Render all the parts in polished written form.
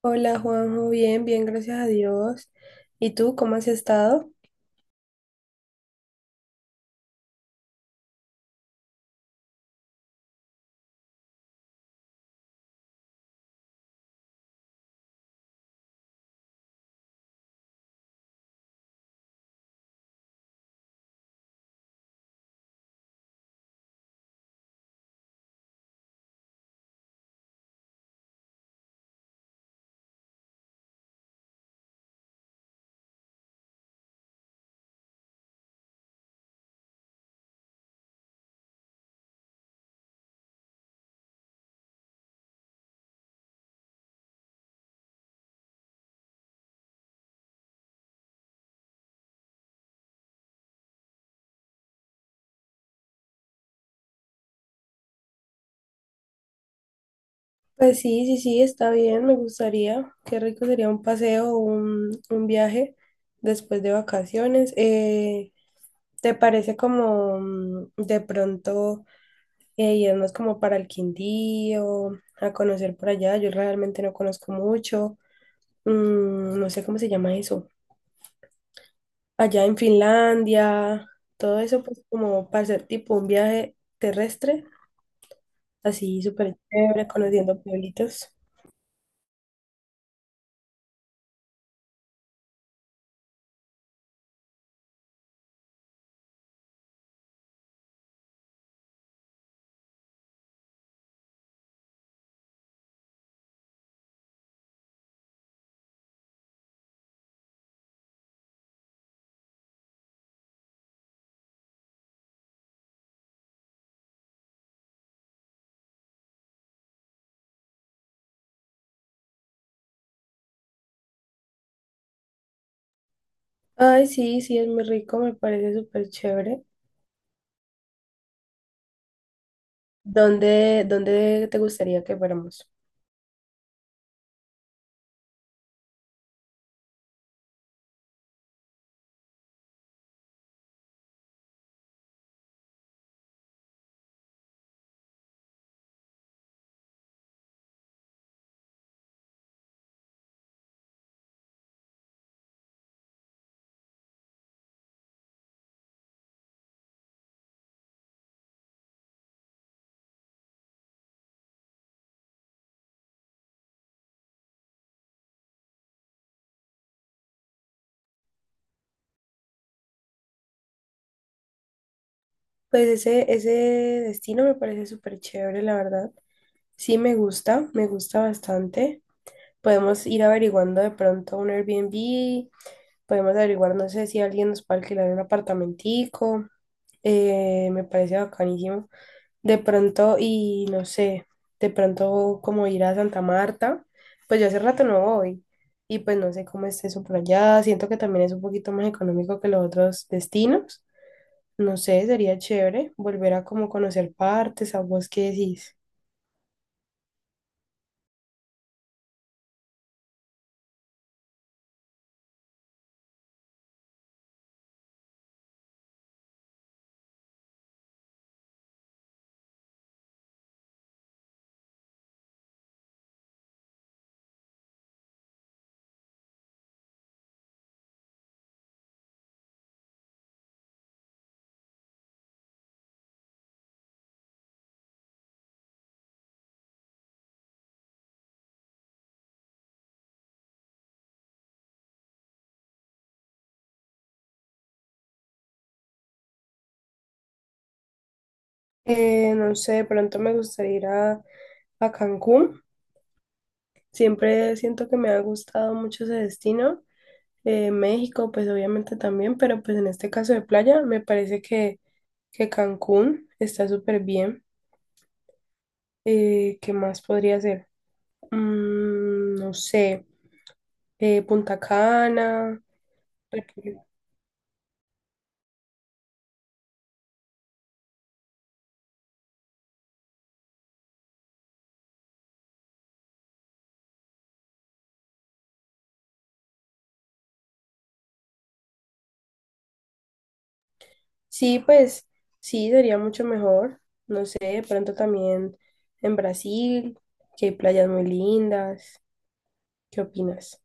Hola Juanjo, bien, bien, gracias a Dios. ¿Y tú cómo has estado? Pues sí, sí, sí, está bien, me gustaría. Qué rico sería un paseo, un viaje después de vacaciones. ¿Te parece como de pronto irnos como para el Quindío, a conocer por allá? Yo realmente no conozco mucho. No sé cómo se llama eso. Allá en Finlandia, todo eso pues como para hacer tipo un viaje terrestre, así súper chévere, conociendo pueblitos. Ay, sí, sí, es muy rico, me parece súper chévere. ¿Dónde te gustaría que fuéramos? Pues ese destino me parece súper chévere, la verdad. Sí, me gusta bastante. Podemos ir averiguando de pronto un Airbnb, podemos averiguar, no sé si alguien nos puede alquilar un apartamentico. Me parece bacanísimo. De pronto, y no sé, de pronto como ir a Santa Marta, pues yo hace rato no voy y pues no sé cómo esté eso por allá, siento que también es un poquito más económico que los otros destinos, no sé, sería chévere volver a como conocer partes, a vos qué decís. No sé, de pronto me gustaría ir a Cancún, siempre siento que me ha gustado mucho ese destino. México pues obviamente también, pero pues en este caso de playa me parece que Cancún está súper bien. ¿Qué más podría ser? No sé, Punta Cana. República- Sí, pues sí, sería mucho mejor. No sé, de pronto también en Brasil, que hay playas muy lindas. ¿Qué opinas?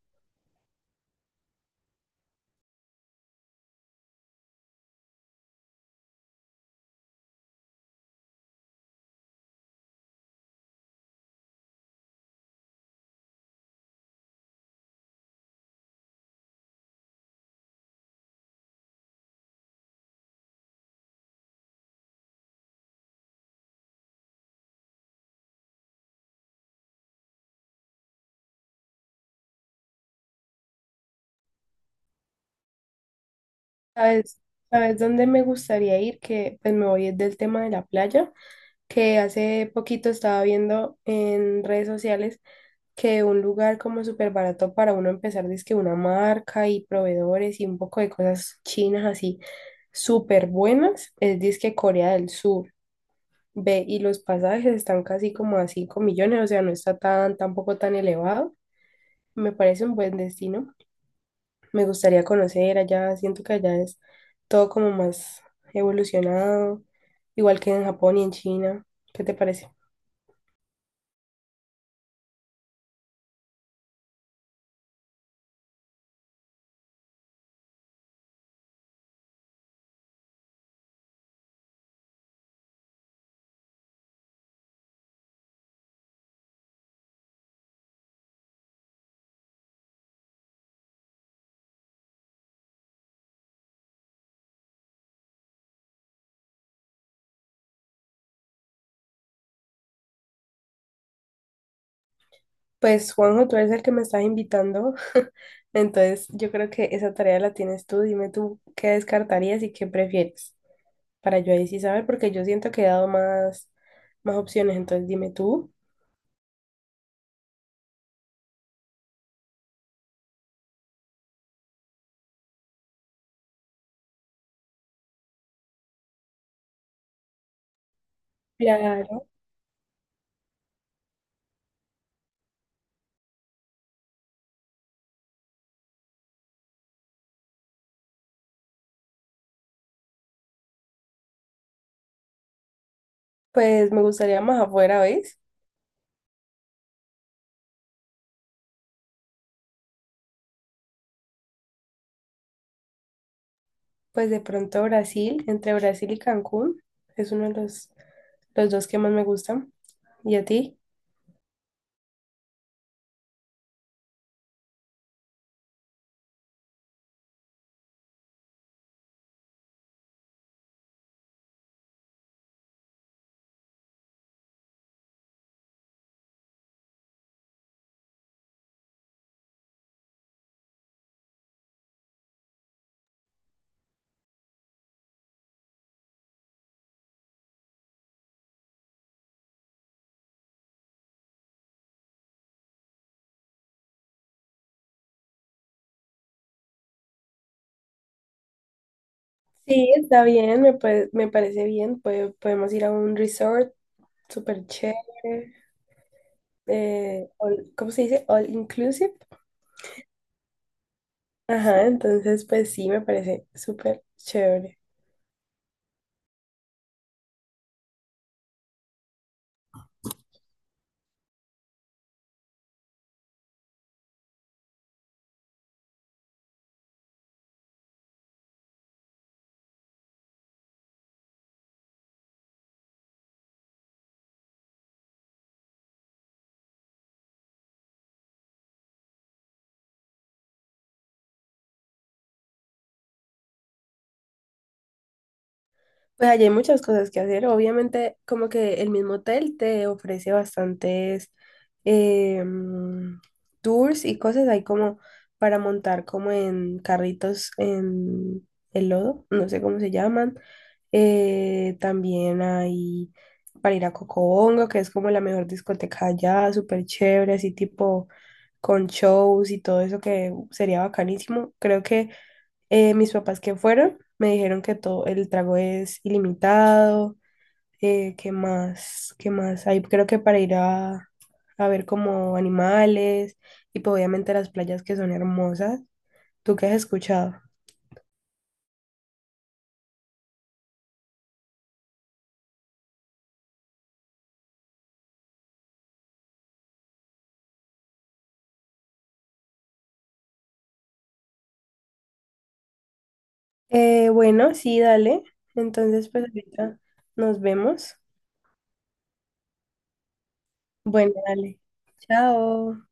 ¿Sabes, sabes dónde me gustaría ir? Que pues me voy del tema de la playa, que hace poquito estaba viendo en redes sociales que un lugar como súper barato para uno empezar, que una marca y proveedores y un poco de cosas chinas así súper buenas, es disque Corea del Sur. Ve, y los pasajes están casi como a 5 millones, o sea, no está tan, tampoco tan elevado. Me parece un buen destino. Me gustaría conocer allá, siento que allá es todo como más evolucionado, igual que en Japón y en China. ¿Qué te parece? Pues Juanjo, tú eres el que me estás invitando, entonces yo creo que esa tarea la tienes tú. Dime tú qué descartarías y qué prefieres para yo ahí sí saber, porque yo siento que he dado más, más opciones, entonces dime tú. Claro. Pues me gustaría más afuera, ¿ves? Pues de pronto Brasil, entre Brasil y Cancún, es uno de los dos que más me gustan. ¿Y a ti? Sí, está bien, me, puede- me parece bien. Puede- podemos ir a un resort súper chévere. All- ¿cómo se dice? All inclusive. Ajá, entonces pues sí, me parece súper chévere. Pues allí hay muchas cosas que hacer. Obviamente, como que el mismo hotel te ofrece bastantes eh, mm, tours y cosas. Hay como para montar como en carritos en el lodo, no sé cómo se llaman. También hay para ir a Cocobongo, que es como la mejor discoteca allá, súper chévere, así tipo con shows y todo eso que sería bacanísimo. Creo que mis papás que fueron me dijeron que todo el trago es ilimitado. Que más hay, creo que para ir a ver como animales y pues obviamente las playas que son hermosas. ¿Tú qué has escuchado? Bueno, sí, dale. Entonces, pues ahorita nos vemos. Bueno, dale. Chao.